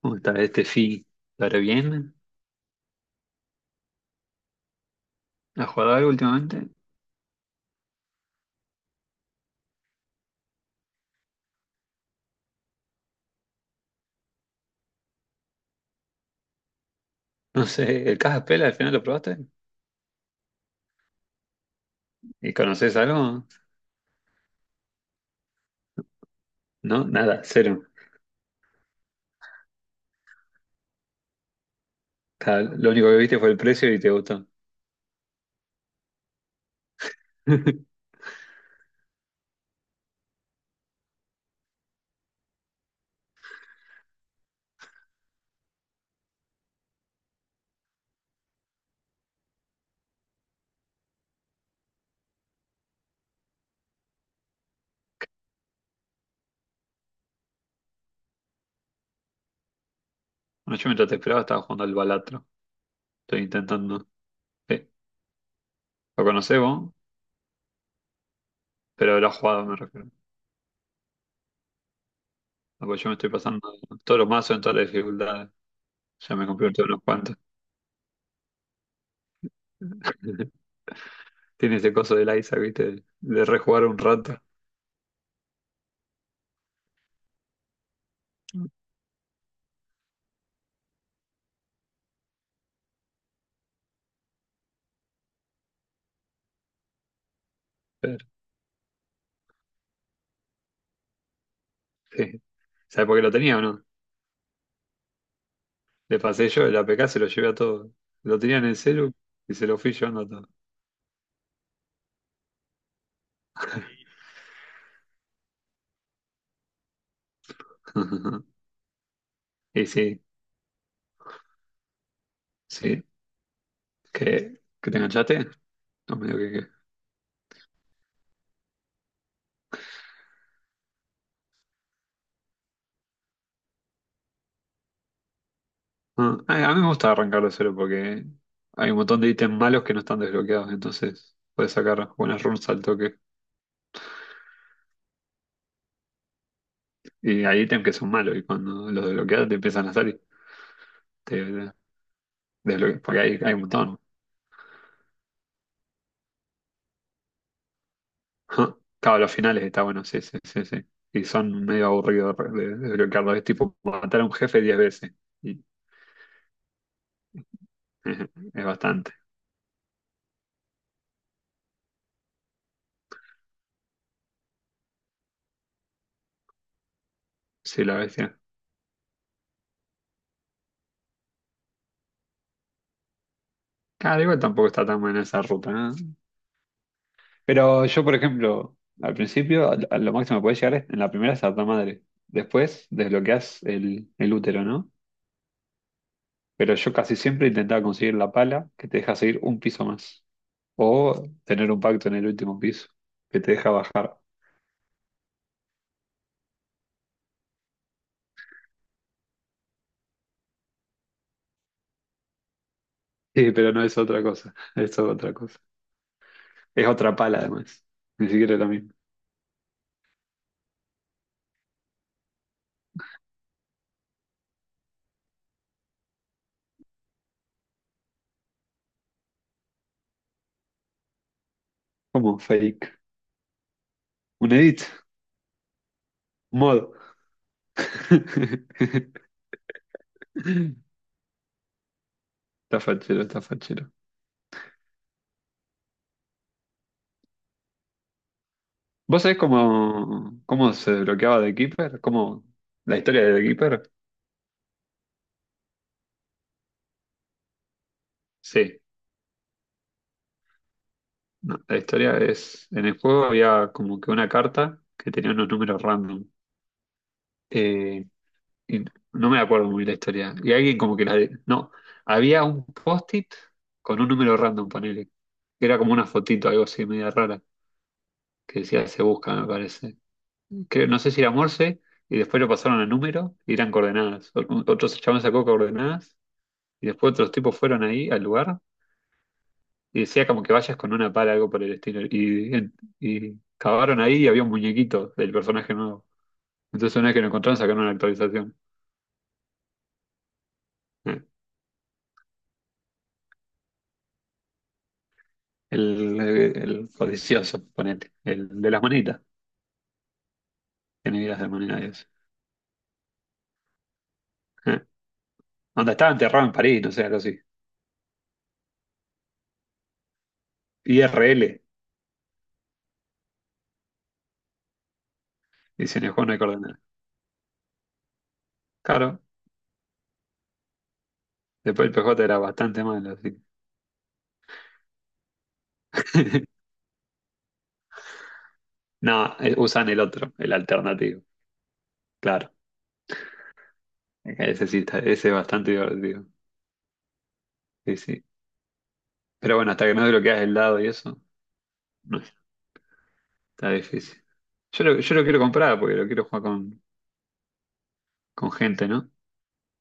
¿Cómo está este fin? ¿Estará bien? ¿Has jugado algo últimamente? No sé, ¿el Caja al final lo probaste? ¿Y conoces algo? No, nada, cero. Lo único que viste fue el precio y te gustó. Bueno, yo mientras te esperaba estaba jugando al Balatro. Estoy intentando. Sí, lo conocés vos, pero lo has jugado, me refiero. Ah, pues yo me estoy pasando todos los mazos en todas las dificultades. Ya me compré todos unos cuantos. Tiene ese coso del Isaac, ¿viste? De rejugar un rato. Pero, sí. ¿Sabes por qué lo tenía o no? Le pasé yo el APK, se lo llevé a todo. Lo tenía en el celu y se lo fui llevando a todo. Y sí, sí. ¿Qué? ¿Que te enganchaste? No, medio que qué. Ah, a mí me gusta arrancarlo cero porque hay un montón de ítems malos que no están desbloqueados, entonces puedes sacar buenas runes al toque. Y hay ítems que son malos y cuando los desbloqueas te empiezan a salir. Te desbloqueas, porque hay un montón. Ah, claro, los finales está bueno, sí, sí, sí, sí. Y son medio aburridos de desbloquearlos. Es tipo matar a un jefe 10 veces. Y Es bastante. Sí, la bestia. Claro, igual tampoco está tan buena esa ruta, ¿eh? Pero yo, por ejemplo, al principio, a lo máximo que puedes llegar es en la primera es a madre. Después desbloqueas el útero, ¿no? Pero yo casi siempre intentaba conseguir la pala que te deja seguir un piso más. O tener un pacto en el último piso que te deja bajar. Sí, pero no es otra cosa. Es otra cosa. Es otra pala, además. Ni siquiera es la misma. ¿Cómo? Fake. Un edit. Mod. Está fachero, está fachero. ¿Vos sabés cómo se desbloqueaba The Keeper? ¿Cómo, la historia de The Keeper? Sí, no, la historia es, en el juego había como que una carta que tenía unos números random. Eh, y no me acuerdo muy bien la historia. Y alguien como que la... de- No, había un post-it con un número random, ponele, que era como una fotito, algo así, media rara, que decía se busca, me parece. No sé si era Morse, y después lo pasaron a número y eran coordenadas. Otros chavales sacó coordenadas. Y después otros tipos fueron ahí al lugar y decía como que vayas con una pala, algo por el estilo. Y cavaron ahí y había un muñequito del personaje nuevo. Entonces una vez que lo encontraron sacaron una actualización. Eh, El, el codicioso, ponete. El de las moneditas. Tiene vidas de monedas y eso. Eh, Onda, estaba enterrado en París, no sé, algo así. IRL, dice en el juego no hay coordenadas. Claro, después el PJ era bastante malo, así. No, usan el otro, el alternativo. Claro, ese sí está, ese es bastante divertido. Sí, sí. Pero bueno, hasta que no desbloqueas el dado y eso, no, está difícil. Yo lo quiero comprar porque lo quiero jugar con gente, ¿no?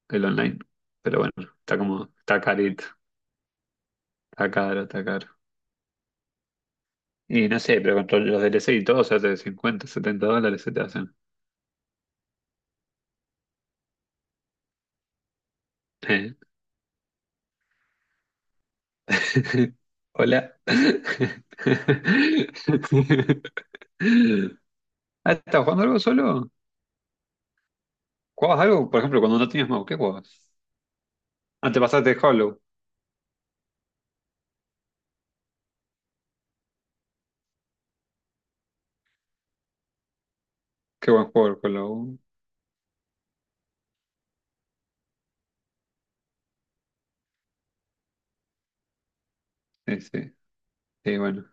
El online. Pero bueno, está como, está carito, está caro, está caro. Y no sé, pero con todos los DLC y todo se hace de 50, 70 dólares se te hacen. Eh. Hola. Ah, ¿estás jugando algo solo? ¿Jugabas algo? Por ejemplo, cuando no tenías mouse, ¿qué jugabas? Ah, te pasaste de Hollow. Qué buen juego el Hollow. Sí, sí. Sí, bueno.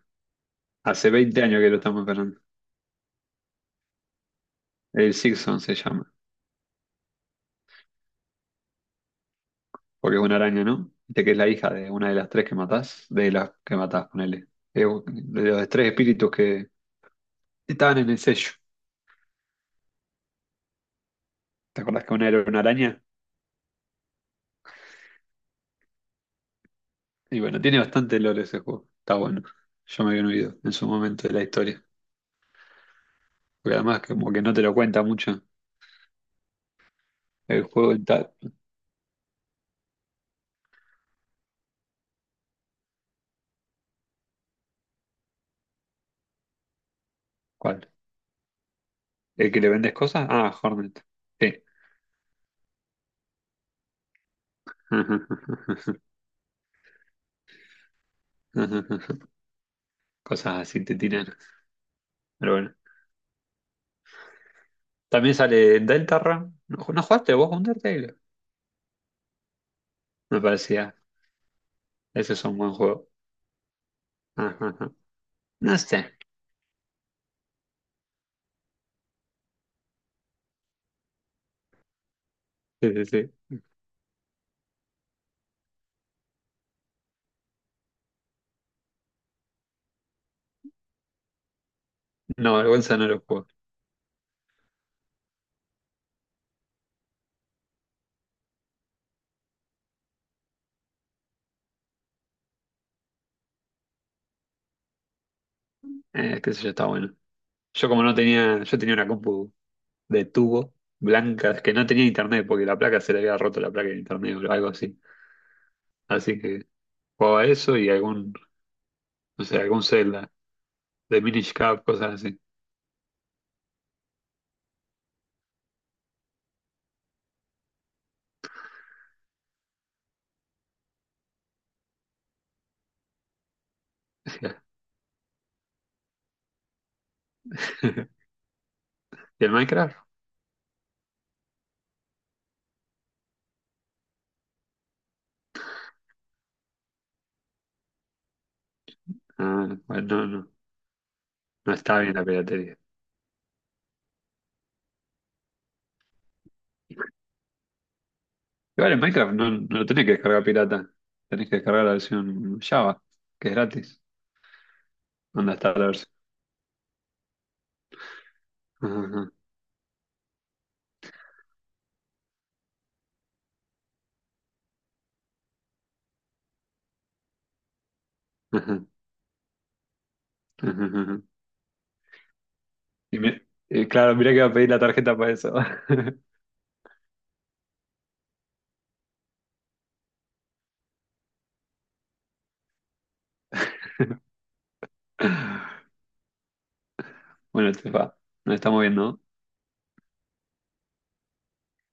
Hace 20 años que lo estamos esperando. El Sixon se llama, porque es una araña, ¿no? Viste que es la hija de una de las tres que matás, de las que matás, ponele. De los tres espíritus que estaban en el sello. ¿Te acordás que una era una araña? Y bueno, tiene bastante lore ese juego. Está bueno. Yo me había olvidado en su momento de la historia. Porque además como que no te lo cuenta mucho. El juego y tal. ¿Cuál? ¿El que le vendes cosas? Ah, Hornet. Sí. Cosas así te tiran. Pero bueno. También sale Deltarune. ¿No, no jugaste vos con Undertale? Me parecía. Ese es un buen juego. Ajá, ajá. No sé. Sí, sí, sí. No, vergüenza no lo juego. Qué sé yo, está bueno. Yo como no tenía, yo tenía una compu de tubo blanca, que no tenía internet porque la placa se le había roto la placa de internet o algo así Así que jugaba eso y no sé, algún Zelda de Minish Cap, cosas así. ¿Y el Minecraft? Ah, bueno, no, no. No está bien la piratería. Igual en Minecraft no, no lo tenés que descargar pirata. Tenés que descargar la versión Java, que es gratis. ¿Dónde está la versión? Ajá, ajá, ajá, ajá, ajá. Y claro, mirá que va a pedir la tarjeta para eso. Bueno, este, nos estamos viendo.